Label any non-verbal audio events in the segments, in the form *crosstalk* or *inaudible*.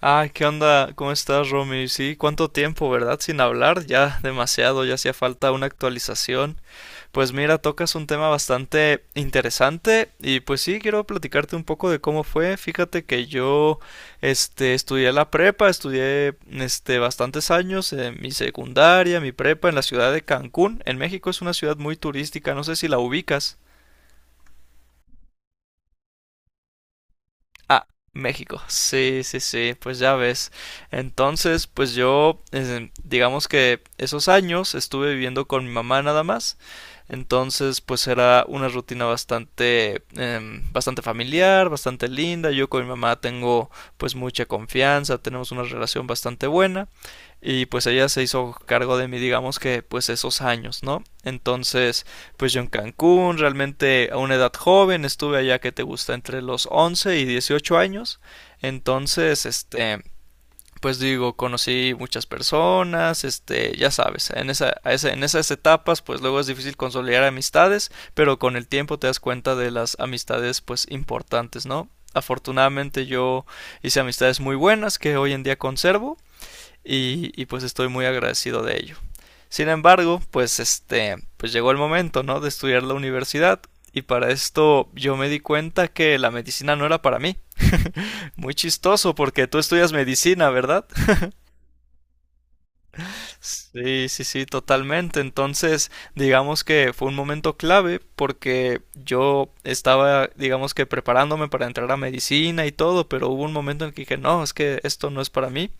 Ah, ¿qué onda? ¿Cómo estás, Romy? Sí, cuánto tiempo, ¿verdad? Sin hablar, ya demasiado, ya hacía falta una actualización. Pues mira, tocas un tema bastante interesante y pues sí, quiero platicarte un poco de cómo fue. Fíjate que yo, estudié la prepa, estudié, bastantes años en mi secundaria, mi prepa en la ciudad de Cancún. En México es una ciudad muy turística, no sé si la ubicas. Ah, México. Sí, sí, sí, pues ya ves. Entonces, pues yo, digamos que esos años estuve viviendo con mi mamá nada más. Entonces, pues era una rutina bastante, bastante familiar, bastante linda. Yo con mi mamá tengo pues mucha confianza, tenemos una relación bastante buena. Y pues ella se hizo cargo de mí, digamos que pues esos años, ¿no? Entonces, pues yo en Cancún, realmente a una edad joven, estuve allá que te gusta entre los 11 y 18 años. Entonces, pues digo, conocí muchas personas, este, ya sabes, en en esas etapas, pues luego es difícil consolidar amistades, pero con el tiempo te das cuenta de las amistades, pues importantes, ¿no? Afortunadamente yo hice amistades muy buenas que hoy en día conservo y pues estoy muy agradecido de ello. Sin embargo, pues este, pues llegó el momento, ¿no? De estudiar la universidad y para esto yo me di cuenta que la medicina no era para mí. *laughs* Muy chistoso porque tú estudias medicina, ¿verdad? Sí, sí, sí, totalmente. Entonces, digamos que fue un momento clave porque yo estaba, digamos que preparándome para entrar a medicina y todo, pero hubo un momento en que dije, no, es que esto no es para mí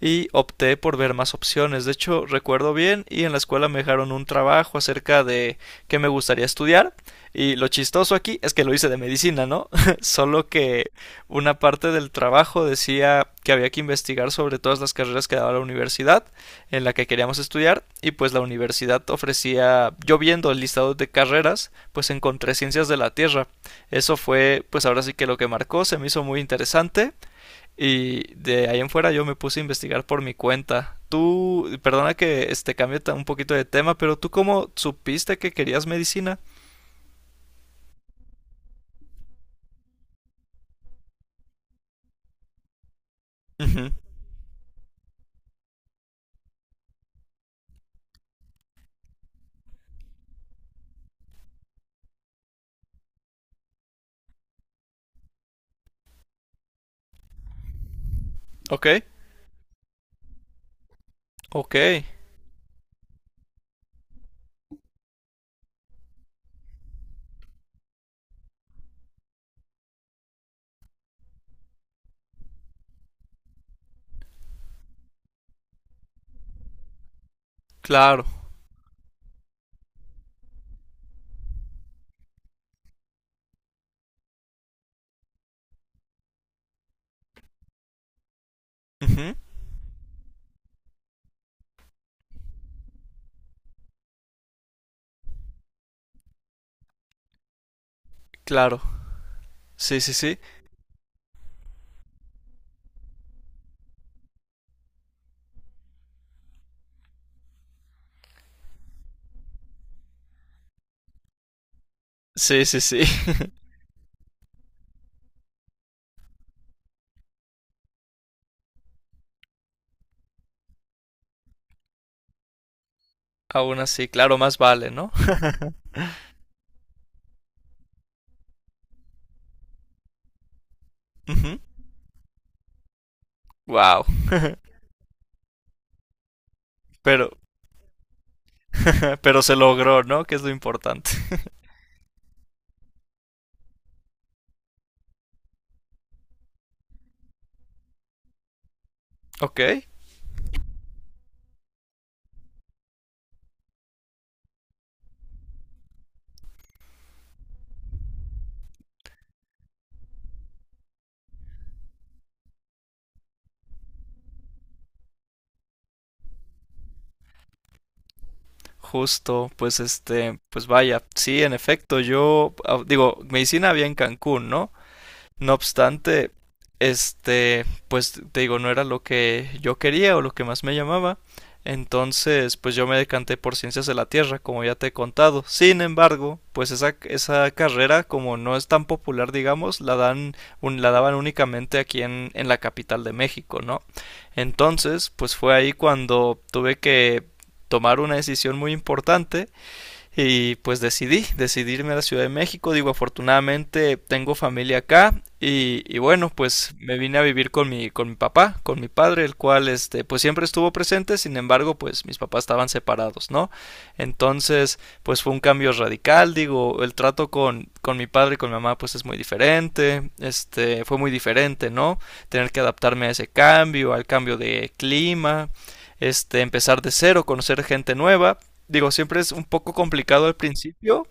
y opté por ver más opciones. De hecho, recuerdo bien y en la escuela me dejaron un trabajo acerca de qué me gustaría estudiar. Y lo chistoso aquí es que lo hice de medicina, ¿no? *laughs* Solo que una parte del trabajo decía que había que investigar sobre todas las carreras que daba la universidad en la que queríamos estudiar y pues la universidad ofrecía, yo viendo el listado de carreras, pues encontré ciencias de la Tierra. Eso fue pues ahora sí que lo que marcó, se me hizo muy interesante y de ahí en fuera yo me puse a investigar por mi cuenta. Tú, perdona que este cambie un poquito de tema, pero tú ¿cómo supiste que querías medicina? Ujú. Ok, ok, claro. Ujú, claro. Sí, sí, sí. Sí, sí, sí. *laughs* Aún así, claro, más vale, ¿no? Ujú. Wow. Pero, *laughs* pero se logró, ¿no? Que es lo importante. Ok. Justo, pues este, pues vaya, sí, en efecto, yo ah, digo, medicina había en Cancún, ¿no? No obstante, este, pues te digo, no era lo que yo quería o lo que más me llamaba. Entonces, pues yo me decanté por ciencias de la Tierra, como ya te he contado. Sin embargo, pues esa carrera, como no es tan popular, digamos, la dan, la daban únicamente aquí en la capital de México, ¿no? Entonces, pues fue ahí cuando tuve que tomar una decisión muy importante y pues decidí irme a la Ciudad de México. Digo, afortunadamente tengo familia acá. Y bueno, pues me vine a vivir con mi papá, con mi padre, el cual este, pues siempre estuvo presente, sin embargo, pues mis papás estaban separados, ¿no? Entonces, pues fue un cambio radical, digo, el trato con mi padre y con mi mamá, pues es muy diferente, este, fue muy diferente, ¿no? Tener que adaptarme a ese cambio, al cambio de clima, este, empezar de cero, conocer gente nueva. Digo, siempre es un poco complicado al principio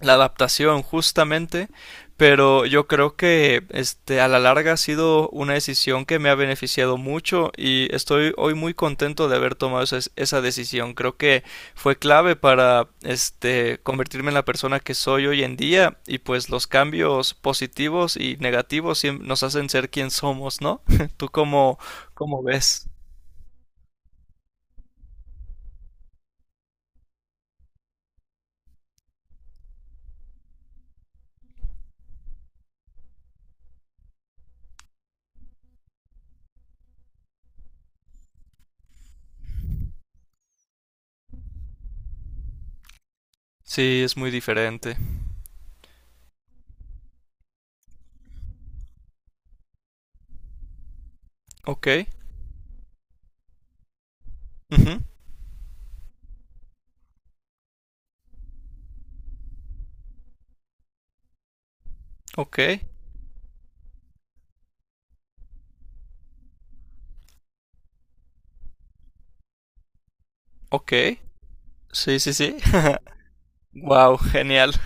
la adaptación justamente, pero yo creo que este a la larga ha sido una decisión que me ha beneficiado mucho y estoy hoy muy contento de haber tomado esa decisión. Creo que fue clave para este convertirme en la persona que soy hoy en día y pues los cambios positivos y negativos nos hacen ser quien somos, ¿no? *laughs* ¿Tú cómo, cómo ves? Sí, es muy diferente. Ok. Ujú, ok. Ok, sí, sí, sí. *laughs* Wow, genial. *laughs*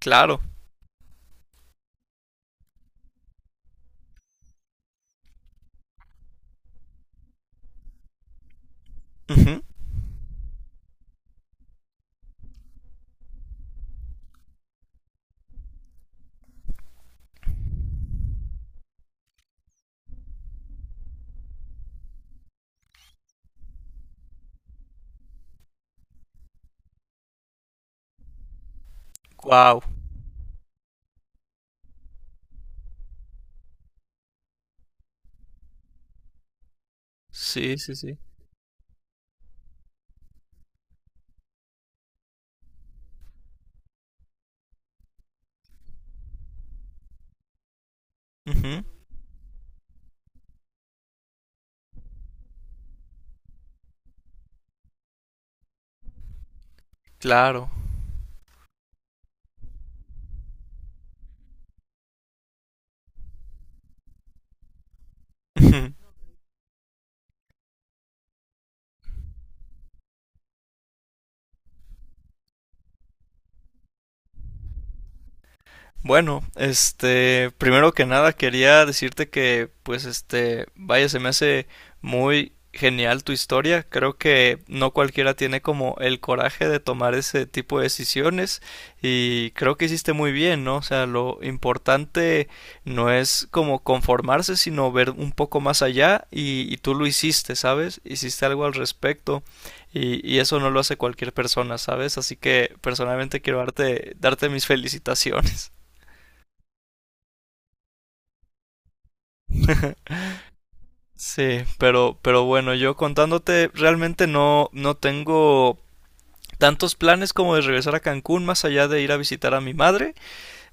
Claro. Wow. Sí, sí, sí. Ujú. Claro. *laughs* Bueno, este, primero que nada quería decirte que, pues, este, vaya, se me hace muy genial tu historia. Creo que no cualquiera tiene como el coraje de tomar ese tipo de decisiones y creo que hiciste muy bien, ¿no? O sea, lo importante no es como conformarse, sino ver un poco más allá y tú lo hiciste, ¿sabes? Hiciste algo al respecto y eso no lo hace cualquier persona, ¿sabes? Así que personalmente quiero darte mis felicitaciones. *laughs* Sí, pero bueno, yo contándote, realmente no tengo tantos planes como de regresar a Cancún, más allá de ir a visitar a mi madre.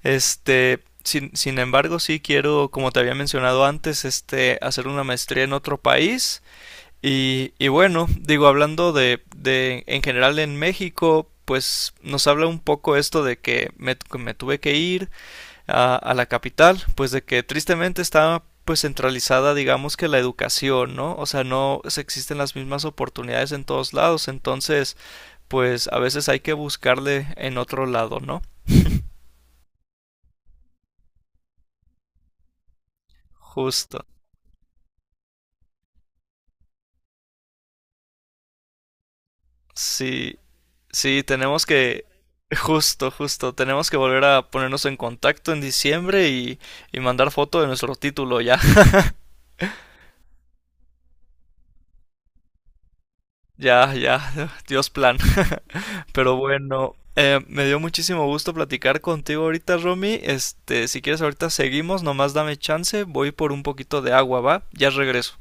Este, sin embargo, sí quiero, como te había mencionado antes, este, hacer una maestría en otro país. Y bueno, digo, hablando de en general en México, pues nos habla un poco esto de que me tuve que ir, a la capital, pues de que tristemente está pues centralizada digamos que la educación, ¿no? O sea, no se existen las mismas oportunidades en todos lados, entonces pues a veces hay que buscarle en otro lado, ¿no? Justo. Sí, sí, tenemos que. Justo, justo. Tenemos que volver a ponernos en contacto en diciembre y mandar foto de nuestro título ya. Ya, ya, *laughs* Dios plan. *laughs* Pero bueno, me dio muchísimo gusto platicar contigo ahorita, Romy. Este, si quieres ahorita seguimos, nomás dame chance, voy por un poquito de agua, ¿va? Ya regreso.